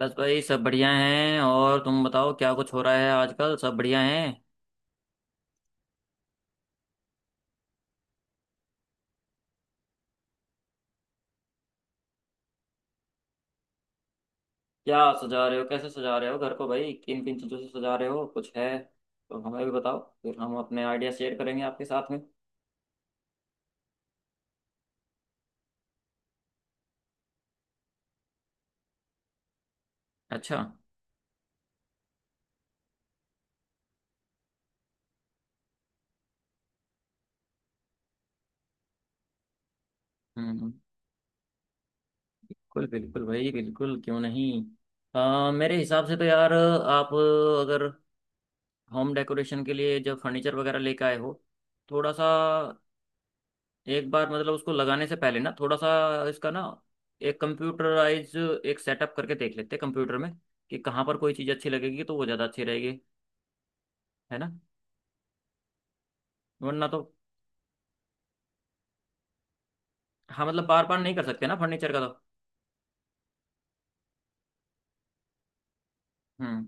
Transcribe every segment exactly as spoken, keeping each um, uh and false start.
बस भाई सब बढ़िया हैं। और तुम बताओ क्या कुछ हो रहा है आजकल, सब बढ़िया हैं। क्या सजा रहे हो, कैसे सजा रहे हो घर को भाई, किन किन चीज़ों से सजा रहे हो? कुछ है तो हमें भी बताओ, फिर हम अपने आइडिया शेयर करेंगे आपके साथ में। अच्छा। हम्म। बिल्कुल बिल्कुल भाई, बिल्कुल क्यों नहीं। अ, मेरे हिसाब से तो यार आप, अगर होम डेकोरेशन के लिए जब फर्नीचर वगैरह लेके आए हो, थोड़ा सा एक बार मतलब उसको लगाने से पहले ना, थोड़ा सा इसका ना एक कंप्यूटराइज एक सेटअप करके देख लेते हैं कंप्यूटर में, कि कहाँ पर कोई चीज़ अच्छी लगेगी, तो वो ज़्यादा अच्छी रहेगी। है ना। वरना तो। हाँ मतलब बार बार नहीं कर सकते ना फर्नीचर का तो। हम्म।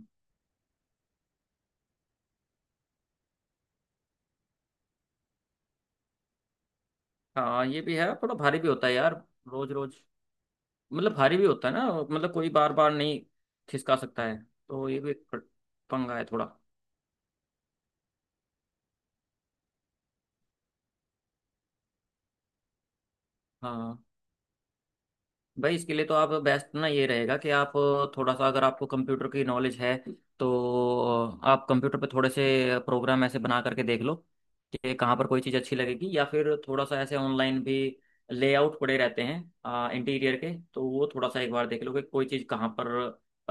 हाँ ये भी है, थोड़ा भारी भी होता है यार। रोज रोज मतलब भारी भी होता है ना, मतलब कोई बार बार नहीं खिसका सकता है, तो ये भी एक पंगा है थोड़ा। हाँ भाई इसके लिए तो आप, बेस्ट ना ये रहेगा कि आप थोड़ा सा, अगर आपको कंप्यूटर की नॉलेज है, तो आप कंप्यूटर पे थोड़े से प्रोग्राम ऐसे बना करके देख लो कि कहाँ पर कोई चीज़ अच्छी लगेगी। या फिर थोड़ा सा ऐसे ऑनलाइन भी लेआउट पड़े रहते हैं आ, इंटीरियर के, तो वो थोड़ा सा एक बार देख लो कि कोई चीज़ कहाँ पर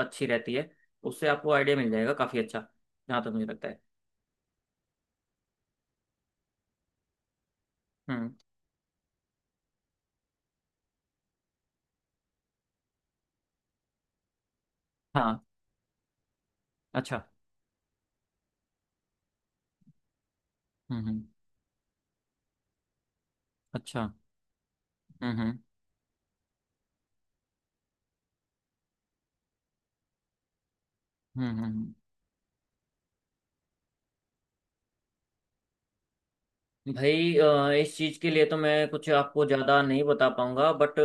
अच्छी रहती है। उससे आपको आइडिया मिल जाएगा काफ़ी अच्छा, जहाँ तक मुझे लगता है। हम्म। हाँ। अच्छा। हम्म हम्म। अच्छा। हम्म हम्म हम्म हम्म हम्म। भाई अ, इस चीज़ के लिए तो मैं कुछ आपको ज़्यादा नहीं बता पाऊंगा, बट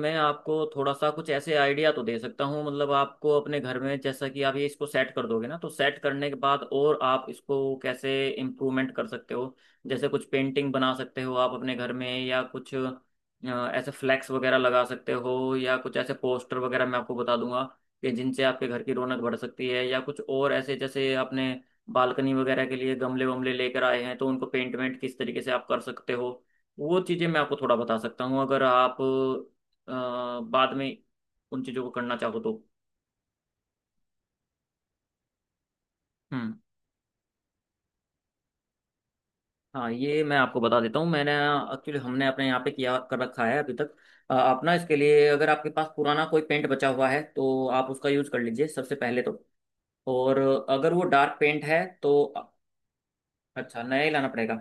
मैं आपको थोड़ा सा कुछ ऐसे आइडिया तो दे सकता हूँ। मतलब आपको अपने घर में, जैसा कि आप ये इसको सेट कर दोगे ना, तो सेट करने के बाद और आप इसको कैसे इम्प्रूवमेंट कर सकते हो, जैसे कुछ पेंटिंग बना सकते हो आप अपने घर में, या कुछ अ, ऐसे फ्लैक्स वगैरह लगा सकते हो, या कुछ ऐसे पोस्टर वगैरह, मैं आपको बता दूंगा कि जिनसे आपके घर की रौनक बढ़ सकती है। या कुछ और ऐसे जैसे आपने बालकनी वगैरह के लिए गमले वमले लेकर आए हैं, तो उनको पेंट वेंट किस तरीके से आप कर सकते हो, वो चीज़ें मैं आपको थोड़ा बता सकता हूँ, अगर आप अ, बाद में उन चीज़ों को करना चाहो तो। हम्म। हाँ ये मैं आपको बता देता हूँ। मैंने एक्चुअली, हमने अपने यहाँ पे किया कर रखा है अभी तक। अ, आप ना इसके लिए, अगर आपके पास पुराना कोई पेंट बचा हुआ है तो आप उसका यूज़ कर लीजिए सबसे पहले तो। और अगर वो डार्क पेंट है तो। अच्छा नया ही लाना पड़ेगा।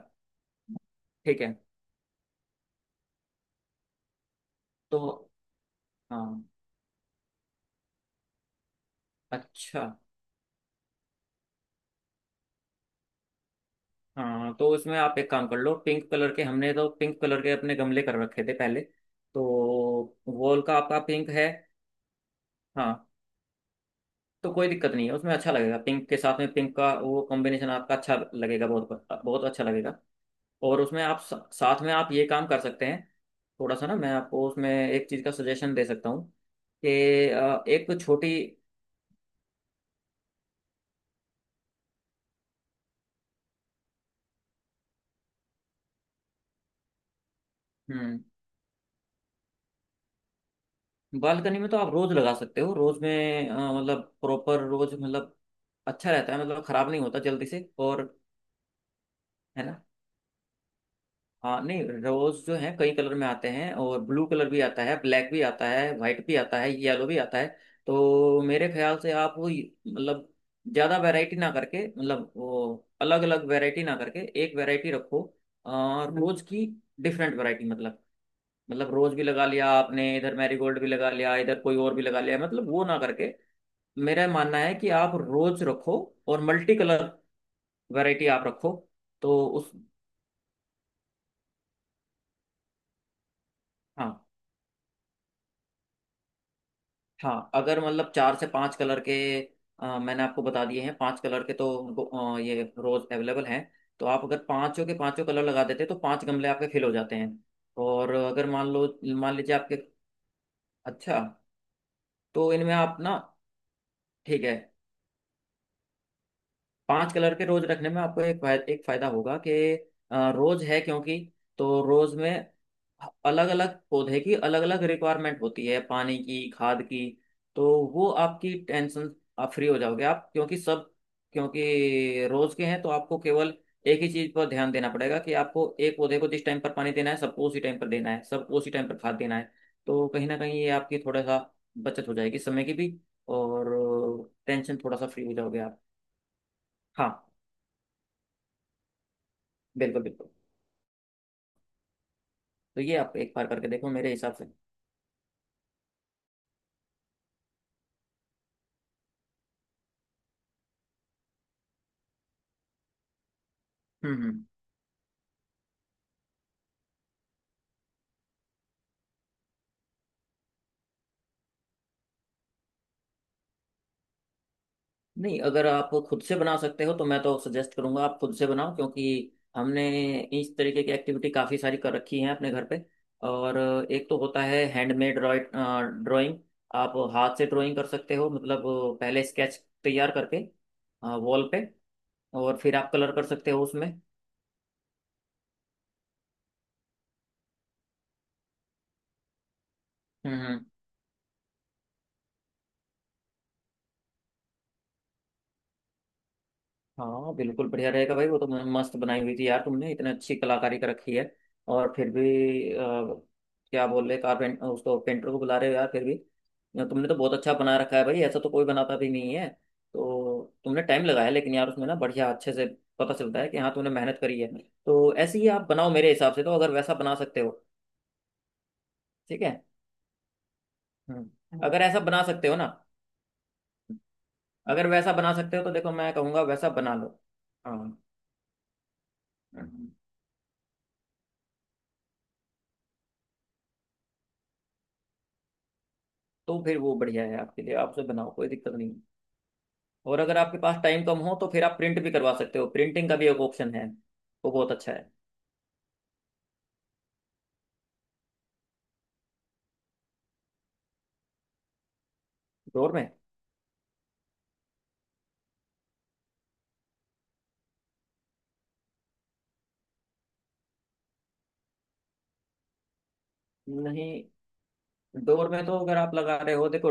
ठीक है तो। हाँ। अच्छा। हाँ तो इसमें आप एक काम कर लो, पिंक कलर के हमने तो पिंक कलर के अपने गमले कर रखे थे पहले तो। वॉल का आपका पिंक है। हाँ तो कोई दिक्कत नहीं है उसमें, अच्छा लगेगा। पिंक के साथ में पिंक का वो कॉम्बिनेशन आपका अच्छा लगेगा, बहुत बहुत अच्छा लगेगा। और उसमें आप सा- साथ में आप ये काम कर सकते हैं, थोड़ा सा ना मैं आपको उसमें एक चीज़ का सजेशन दे सकता हूँ कि अ, एक तो छोटी। हम्म। बालकनी में तो आप रोज लगा सकते हो, रोज में अ, मतलब प्रॉपर रोज मतलब अच्छा रहता है, मतलब खराब नहीं होता जल्दी से। और है ना। हाँ नहीं रोज जो है कई कलर में आते हैं, और ब्लू कलर भी आता है, ब्लैक भी आता है, वाइट भी आता है, येलो भी आता है। तो मेरे ख्याल से आप वो मतलब ज़्यादा वैरायटी ना करके, मतलब वो अलग अलग वैरायटी ना करके एक वैरायटी रखो, और रोज की डिफरेंट वैरायटी मतलब, मतलब रोज भी लगा लिया आपने इधर, मैरीगोल्ड भी लगा लिया इधर, कोई और भी लगा लिया, मतलब वो ना करके, मेरा मानना है कि आप रोज रखो और मल्टी कलर वैरायटी आप रखो। तो उस। हाँ हाँ अगर मतलब चार से पांच कलर के, अ, मैंने आपको बता दिए हैं पांच कलर के, तो गो- अ, ये रोज अवेलेबल हैं। तो आप अगर पांचों के पांचों कलर लगा देते हैं तो पांच गमले आपके फिल हो जाते हैं। और अगर मान लो मान लीजिए आपके। अच्छा। तो इनमें आप ना। ठीक है। पांच कलर के रोज रखने में आपको एक फायदा, एक फायदा होगा कि अ, रोज है क्योंकि, तो रोज में अलग अलग पौधे की अलग अलग रिक्वायरमेंट होती है, पानी की, खाद की। तो वो आपकी टेंशन, आप फ्री हो जाओगे आप, क्योंकि सब क्योंकि रोज के हैं, तो आपको केवल एक ही चीज पर ध्यान देना पड़ेगा, कि आपको एक पौधे को जिस टाइम पर पानी देना है सबको उसी टाइम पर देना है, सबको उसी टाइम पर खाद देना है। तो कहीं ना कहीं ये आपकी थोड़ा सा बचत हो जाएगी समय की भी, और टेंशन थोड़ा सा फ्री हो जाओगे आप। हाँ बिल्कुल बिल्कुल। तो ये आप एक बार करके देखो मेरे हिसाब से। हम्म हम्म। नहीं अगर आप खुद से बना सकते हो, तो मैं तो सजेस्ट करूंगा आप खुद से बनाओ, क्योंकि हमने इस तरीके की एक्टिविटी काफ़ी सारी कर रखी है अपने घर पे। और एक तो होता है हैंडमेड ड्राइंग, आप हाथ से ड्राइंग कर सकते हो मतलब, पहले स्केच तैयार करके वॉल पे, और फिर आप कलर कर सकते हो उसमें। हम्म। हाँ बिल्कुल बढ़िया रहेगा भाई, वो तो म- मस्त बनाई हुई थी यार, तुमने इतने अच्छी कलाकारी कर रखी है। और फिर भी अ, क्या बोल रहे, कारपेंट उसको, पेंटर को बुला रहे हो यार फिर भी? ना, तुमने तो बहुत अच्छा बना रखा है भाई, ऐसा तो कोई बनाता भी नहीं है। तो तुमने टाइम लगाया लेकिन यार उसमें ना, बढ़िया अच्छे से पता चलता है कि हाँ तुमने मेहनत करी है। तो ऐसे ही आप बनाओ, मेरे हिसाब से तो अगर वैसा बना सकते हो। ठीक है। हम्म अगर ऐसा बना सकते हो ना, अगर वैसा बना सकते हो, तो देखो मैं कहूँगा वैसा बना लो। हाँ तो फिर वो बढ़िया है आपके लिए, आपसे बनाओ कोई दिक्कत नहीं। और अगर आपके पास टाइम कम हो, तो फिर आप प्रिंट भी करवा सकते हो, प्रिंटिंग का भी एक ऑप्शन है, वो बहुत अच्छा है। डोर में। नहीं, डोर में तो अगर आप लगा रहे हो देखो,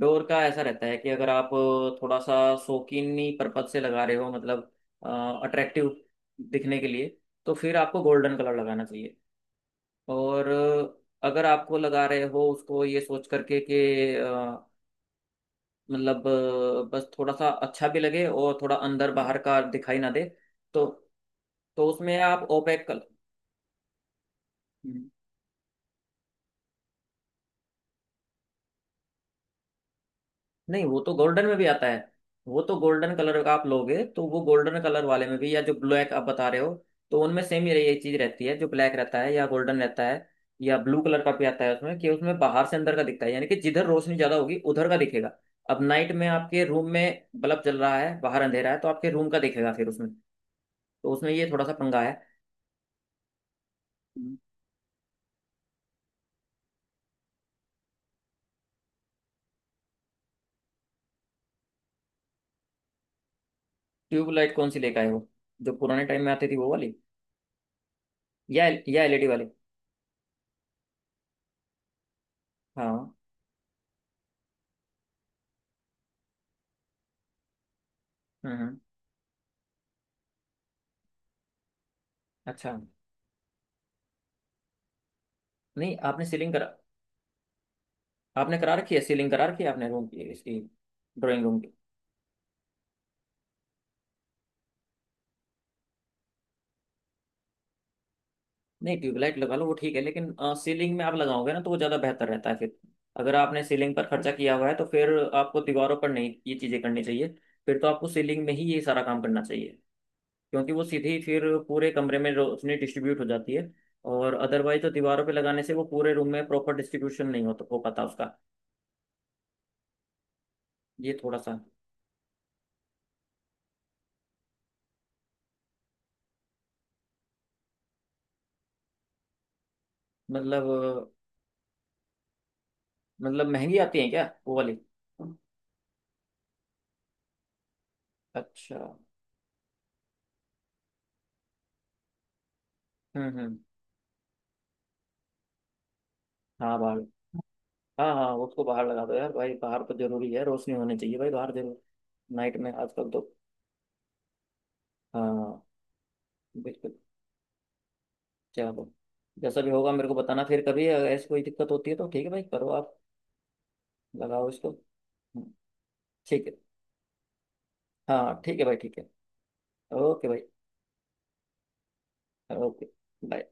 डोर का ऐसा रहता है कि अगर आप थोड़ा सा शौकीनी पर्पज से लगा रहे हो, मतलब अट्रैक्टिव दिखने के लिए, तो फिर आपको गोल्डन कलर लगाना चाहिए। और अगर आपको लगा रहे हो उसको ये सोच करके कि मतलब अ, बस थोड़ा सा अच्छा भी लगे, और थोड़ा अंदर बाहर का दिखाई ना दे, तो तो उसमें आप ओपेक कल। नहीं वो तो गोल्डन में भी आता है। वो तो गोल्डन कलर का आप लोगे तो वो गोल्डन कलर वाले में भी, या जो ब्लैक आप बता रहे हो, तो उनमें सेम ही यही चीज रहती है, जो ब्लैक रहता है या गोल्डन रहता है, या ब्लू कलर का भी आता है उसमें, कि उसमें बाहर से अंदर का दिखता है, यानी कि जिधर रोशनी ज्यादा होगी उधर का दिखेगा। अब नाइट में आपके रूम में बल्ब जल रहा है, बाहर अंधेरा है, तो आपके रूम का दिखेगा फिर उसमें। तो उसमें ये थोड़ा सा पंगा है। ट्यूबलाइट कौन सी लेकर आए हो? जो पुराने टाइम में आती थी वो वाली, या या एलईडी वाली? हाँ। हम्म हम्म, अच्छा। नहीं आपने सीलिंग करा, आपने करा रखी है, सीलिंग करा रखी है आपने रूम की इसकी? ड्राइंग रूम की। नहीं ट्यूबलाइट लगा लो वो ठीक है, लेकिन अ, सीलिंग में आप लगाओगे ना तो वो ज़्यादा बेहतर रहता है फिर। अगर आपने सीलिंग पर खर्चा किया हुआ है, तो फिर आपको दीवारों पर नहीं ये चीज़ें करनी चाहिए, फिर तो आपको सीलिंग में ही ये सारा काम करना चाहिए, क्योंकि वो सीधी फिर पूरे कमरे में रोशनी डिस्ट्रीब्यूट हो जाती है। और अदरवाइज तो दीवारों पे लगाने से वो पूरे रूम में प्रॉपर डिस्ट्रीब्यूशन नहीं हो, हो पाता उसका। ये थोड़ा सा मतलब मतलब महंगी आती है क्या वो वाली? अच्छा। हम्म हम्म। हाँ बाहर। हाँ हाँ उसको बाहर लगा दो यार भाई, बाहर तो जरूरी है, रोशनी होनी चाहिए भाई बाहर जरूर। नाइट में आजकल तो। हाँ बिल्कुल। चलो, जैसा भी होगा मेरे को बताना फिर कभी, अगर ऐसी कोई दिक्कत होती है तो। ठीक है भाई करो आप, लगाओ इसको। हम्म, ठीक है। हाँ ठीक है भाई, ठीक है। ओके भाई। ओके। बाय।